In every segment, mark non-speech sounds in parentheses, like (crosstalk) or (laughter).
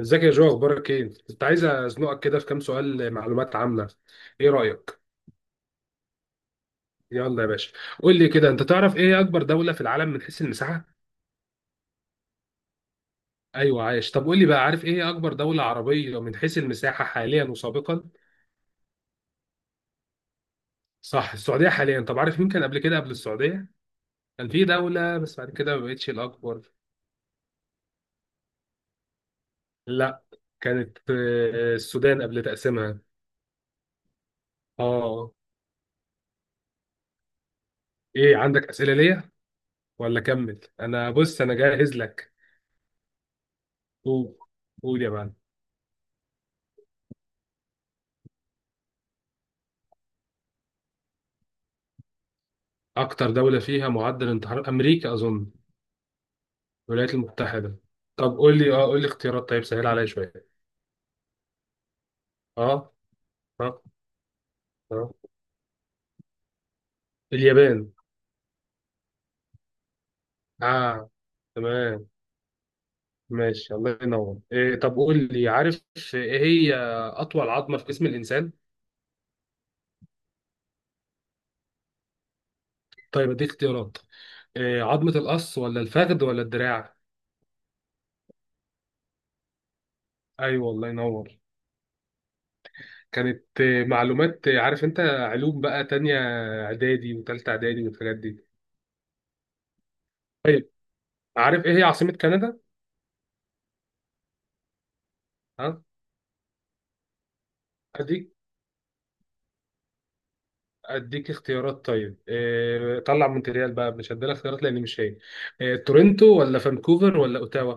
ازيك يا جو؟ اخبارك ايه؟ كنت عايز ازنقك كده في كام سؤال معلومات عامه. ايه رايك؟ يلا يا باشا. قول لي كده، انت تعرف ايه اكبر دوله في العالم من حيث المساحه؟ ايوه عايش. طب قول لي بقى، عارف ايه اكبر دوله عربيه من حيث المساحه حاليا وسابقا؟ صح، السعوديه حاليا. طب عارف مين كان قبل كده قبل السعوديه؟ كان في دوله بس بعد كده ما بقتش الاكبر. لا. كانت السودان قبل تقسيمها. اه. ايه عندك اسئله ليا ولا كمل؟ انا بص انا جاهز لك. قول. قول يا معلم. أكتر دولة فيها معدل انتحار أمريكا أظن. الولايات المتحدة. طب قول لي، قول لي اختيارات طيب، سهل عليا شوية. أه. أه. أه. اليابان. أه. تمام. ماشي، الله ينور. إيه طب قول لي، عارف إيه هي أطول عظمة في جسم الإنسان؟ طيب أديك اختيارات. إيه، عظمة القص ولا الفخذ ولا الدراع؟ أيوه الله ينور. كانت معلومات، عارف أنت علوم بقى، تانية إعدادي وتالتة إعدادي والحاجات دي. طيب، عارف إيه هي عاصمة كندا؟ ها. أديك اديك اختيارات طيب. إيه، طلع مونتريال بقى مش هديلك اختيارات لان مش هي. إيه، تورنتو ولا فانكوفر ولا اوتاوا؟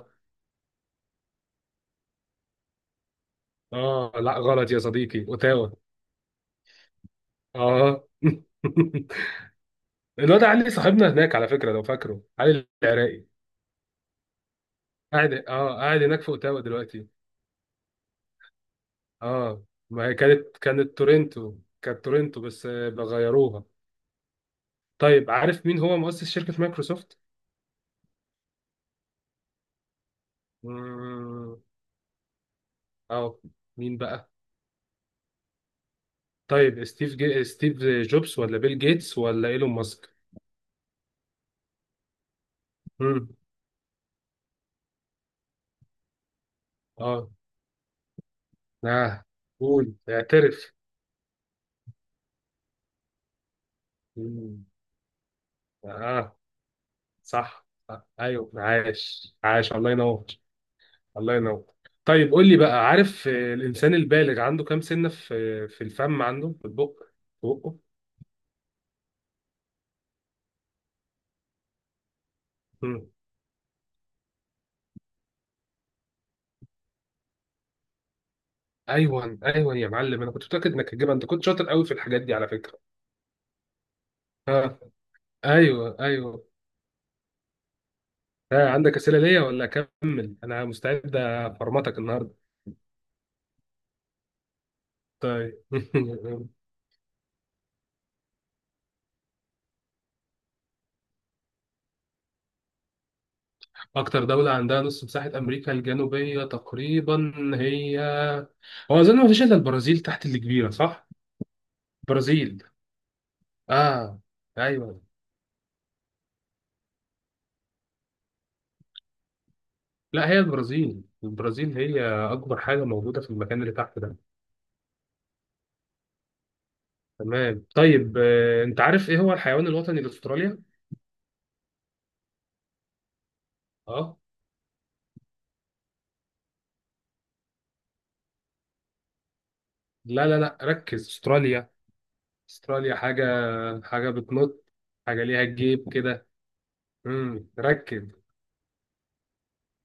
اه لا غلط يا صديقي، اوتاوا. اه. (laughs) الواد علي صاحبنا هناك على فكره، لو فاكره، علي العراقي. قاعد هناك في اوتاوا دلوقتي. اه. ما هي كانت تورنتو. كانت تورنتو بس بغيروها. طيب، عارف مين هو مؤسس شركه مايكروسوفت؟ مم. اه. مين بقى؟ طيب، ستيف جوبز ولا بيل جيتس ولا ايلون ماسك؟ امم. اه. اه. قول اعترف. مم. اه. صح صح. ايوه، عاش عاش، الله ينور الله ينور. طيب قول لي بقى، عارف الانسان البالغ عنده كام سنه في الفم، عنده في البق، في بقه؟ مم. ايوه ايوه يا معلم، انا كنت متاكد انك هتجيبها، انت كنت شاطر قوي في الحاجات دي على فكره. اه. ايوه ايوه. آه. عندك اسئله ليا ولا اكمل؟ انا مستعد افرمتك النهارده. طيب. (laughs) أكتر دولة عندها نص مساحة أمريكا الجنوبية تقريبا هي، هو أظن ما فيش إلا البرازيل تحت اللي كبيرة، صح؟ برازيل. آه. أيوه. لا هي البرازيل، البرازيل هي أكبر حاجة موجودة في المكان اللي تحت ده. تمام. طيب أنت عارف إيه هو الحيوان الوطني لأستراليا؟ آه. لا لا لا ركز، أستراليا. أستراليا حاجة، حاجة بتنط، حاجة ليها جيب كده. امم، ركز.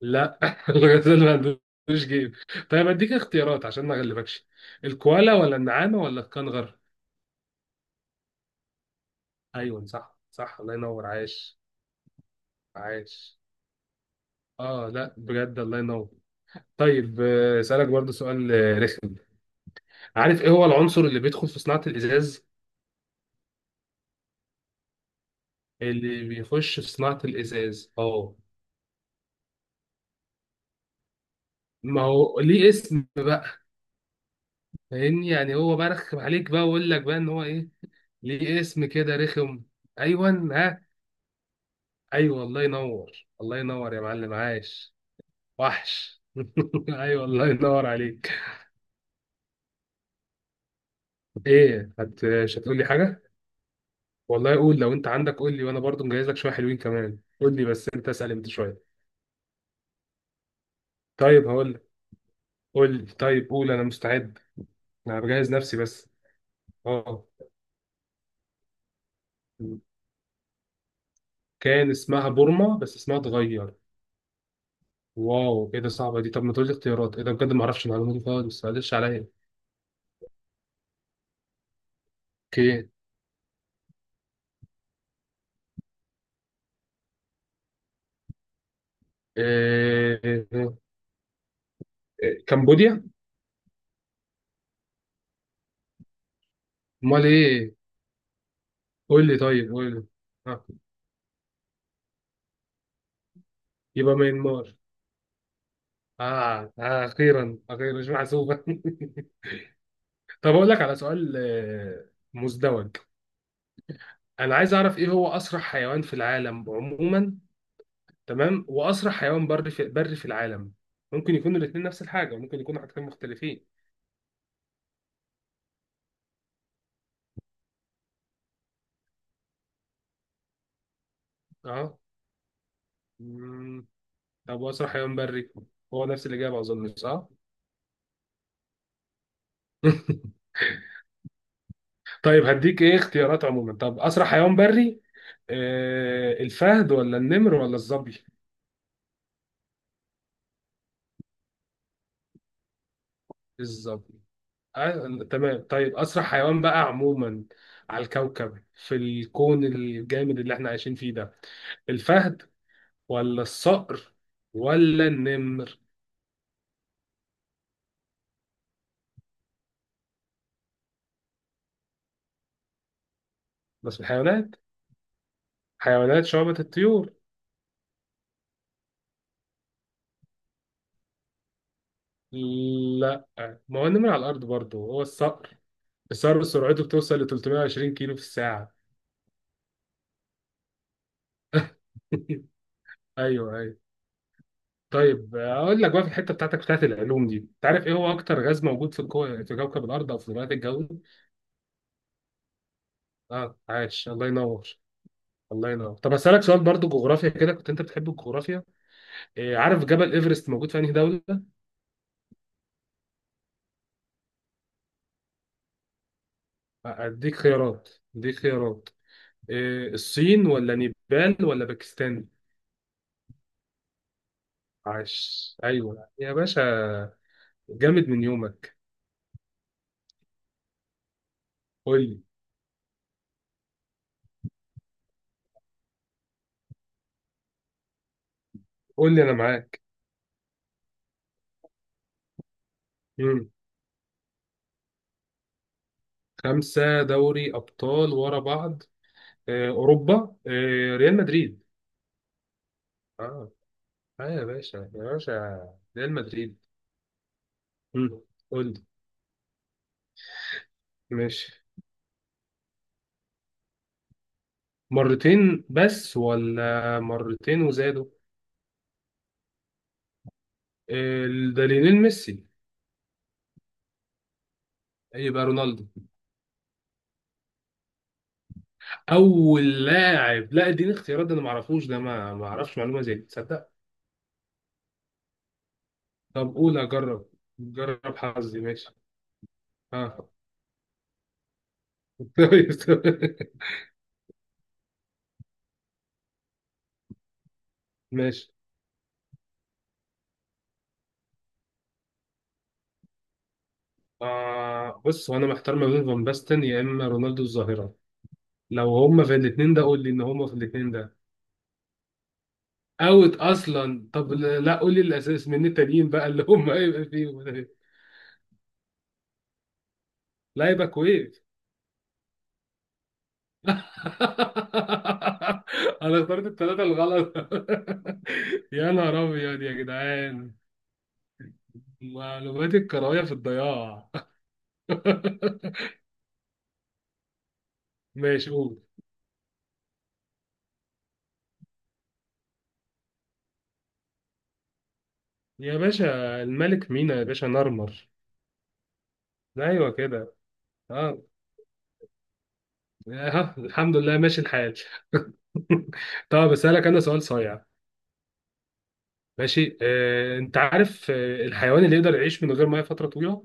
لا. (laughs) الغزال ما عندوش جيب. طيب اديك اختيارات عشان ما اغلبكش. الكوالا ولا النعامه ولا الكنغر؟ ايوه صح صح، الله ينور، عايش عايش. اه لا بجد الله ينور. طيب اسالك برضو سؤال رخم. عارف ايه هو العنصر اللي بيدخل في صناعه الازاز؟ اللي بيخش في صناعه الازاز، اه. ما هو ليه اسم بقى، فاهمني؟ يعني هو برخم عليك بقى ويقول لك بقى ان هو ايه، ليه اسم كده رخم. ايوه ها. ايوه، الله ينور، الله ينور يا معلم، عايش. وحش. (laughs) ايوه الله ينور عليك. ايه، مش هتقول لي حاجه؟ والله قول، لو انت عندك قول لي، وانا برضو مجهز لك شويه حلوين كمان، قول لي بس، انت اسال انت شويه. طيب هقول لك. قول لي، طيب قول، انا مستعد. انا بجهز نفسي بس. اه. كان اسمها بورما بس اسمها اتغير. واو، ايه ده، صعبه دي. طب ما تقول لي اختيارات، ايه ده بجد، ما اعرفش المعلومه دي خالص، معلش عليا. اوكي. إيه... إيه، كمبوديا. امال ايه؟ قول لي، طيب قول لي. آه. يبقى ميانمار. آه. آه أخيرا أخيرا، مش محسوبة. (laughs) طب أقول لك على سؤال مزدوج. أنا عايز أعرف إيه هو أسرع حيوان في العالم عموما. تمام، وأسرع حيوان بري في العالم. ممكن يكونوا الاتنين نفس الحاجة، ممكن يكونوا حاجتين مختلفين. أه. مم. طب وأسرع حيوان بري هو نفس الإجابة أظن، صح؟ (laughs) طيب هديك إيه اختيارات، عموما طب أسرع حيوان بري. آه، الفهد ولا النمر ولا الظبي؟ الظبي. تمام. طيب أسرع حيوان بقى عموما، على الكوكب، في الكون الجامد اللي احنا عايشين فيه ده، الفهد ولا الصقر ولا النمر؟ بس الحيوانات، حيوانات شعبة الطيور. لا، ما هو النمر على الأرض برضه هو الصقر. الصقر سرعته بتوصل ل 320 كيلو في الساعة. (laughs) أيوه أيوه. طيب، أقول لك بقى في الحتة بتاعتك بتاعت العلوم دي، تعرف إيه هو أكتر غاز موجود في في كوكب الأرض أو في غلاف الجوي؟ أه، عاش الله ينور، الله ينور. طب اسالك سؤال برضو جغرافيا كده، كنت انت بتحب الجغرافيا. إيه، عارف جبل ايفرست موجود في انهي دوله؟ اديك خيارات، اديك خيارات. إيه، الصين ولا نيبال ولا باكستان؟ عاش. ايوه يا باشا، جامد من يومك. قول لي، قول لي انا معاك. مم. خمسه دوري ابطال ورا بعض، إيه، اوروبا، إيه، ريال مدريد. اه. اه يا باشا، يا باشا. ريال مدريد. مم. قول لي. ماشي. مرتين بس ولا مرتين وزادوا؟ ده ميسي. يبقى رونالدو. اول لاعب، لا اديني اختيارات، ده انا ما اعرفوش ده، ما اعرفش معلومه زي دي، تصدق. طب قول، اجرب، جرب حظي، ماشي. اه. (laughs) كويس. ماشي. آه، بص هو انا محتار ما بين فان باستن يا اما رونالدو الظاهره. لو هما في الاثنين ده قول لي ان هما في الاثنين ده. اوت اصلا. طب لا قول لي الاساس من التانيين بقى اللي هما هيبقى فيهم ده. لا يبقى كويس. (laughs) انا اخترت الثلاثه الغلط. (laughs) يا نهار أبيض يا جدعان. معلومات الكروية في الضياع. (laughs) ماشي، قول. يا باشا الملك مينا، يا باشا نرمر. أيوه كده. أه. ها، الحمد لله ماشي الحال. (laughs) طب أسألك أنا سؤال صايع. ماشي. أنت عارف الحيوان اللي يقدر يعيش من غير مية فترة طويلة؟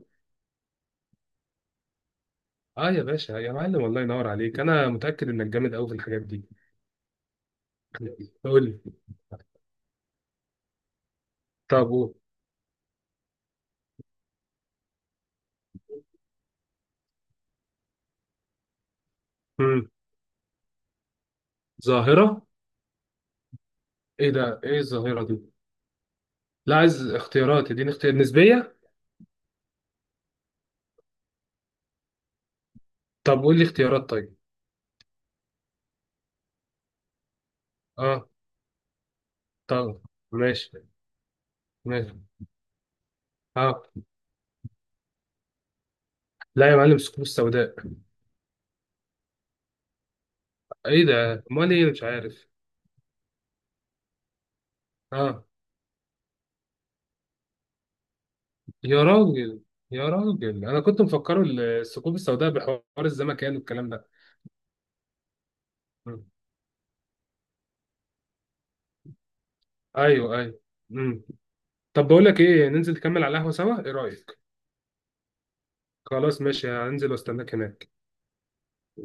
أه يا باشا، يا معلم الله ينور عليك، أنا متأكد إنك جامد أوي في الحاجات دي. قول لي. طب قول. مم. ظاهرة. إيه ده؟ إيه الظاهرة دي؟ لا عايز اختيارات، اديني اختيار، نسبية. طب قول لي اختيارات طيب. اه. طبعا. ماشي. ماشي. اه. لا يا معلم، الثقوب السوداء. ايه ده، امال ايه، مش عارف. اه. يا راجل، يا راجل، انا كنت مفكره الثقوب السوداء بحوار الزمكان والكلام ده. مم. ايوه ايوه. مم. طب بقول لك ايه، ننزل نكمل على القهوه سوا، ايه رايك؟ خلاص ماشي، هنزل واستناك هناك.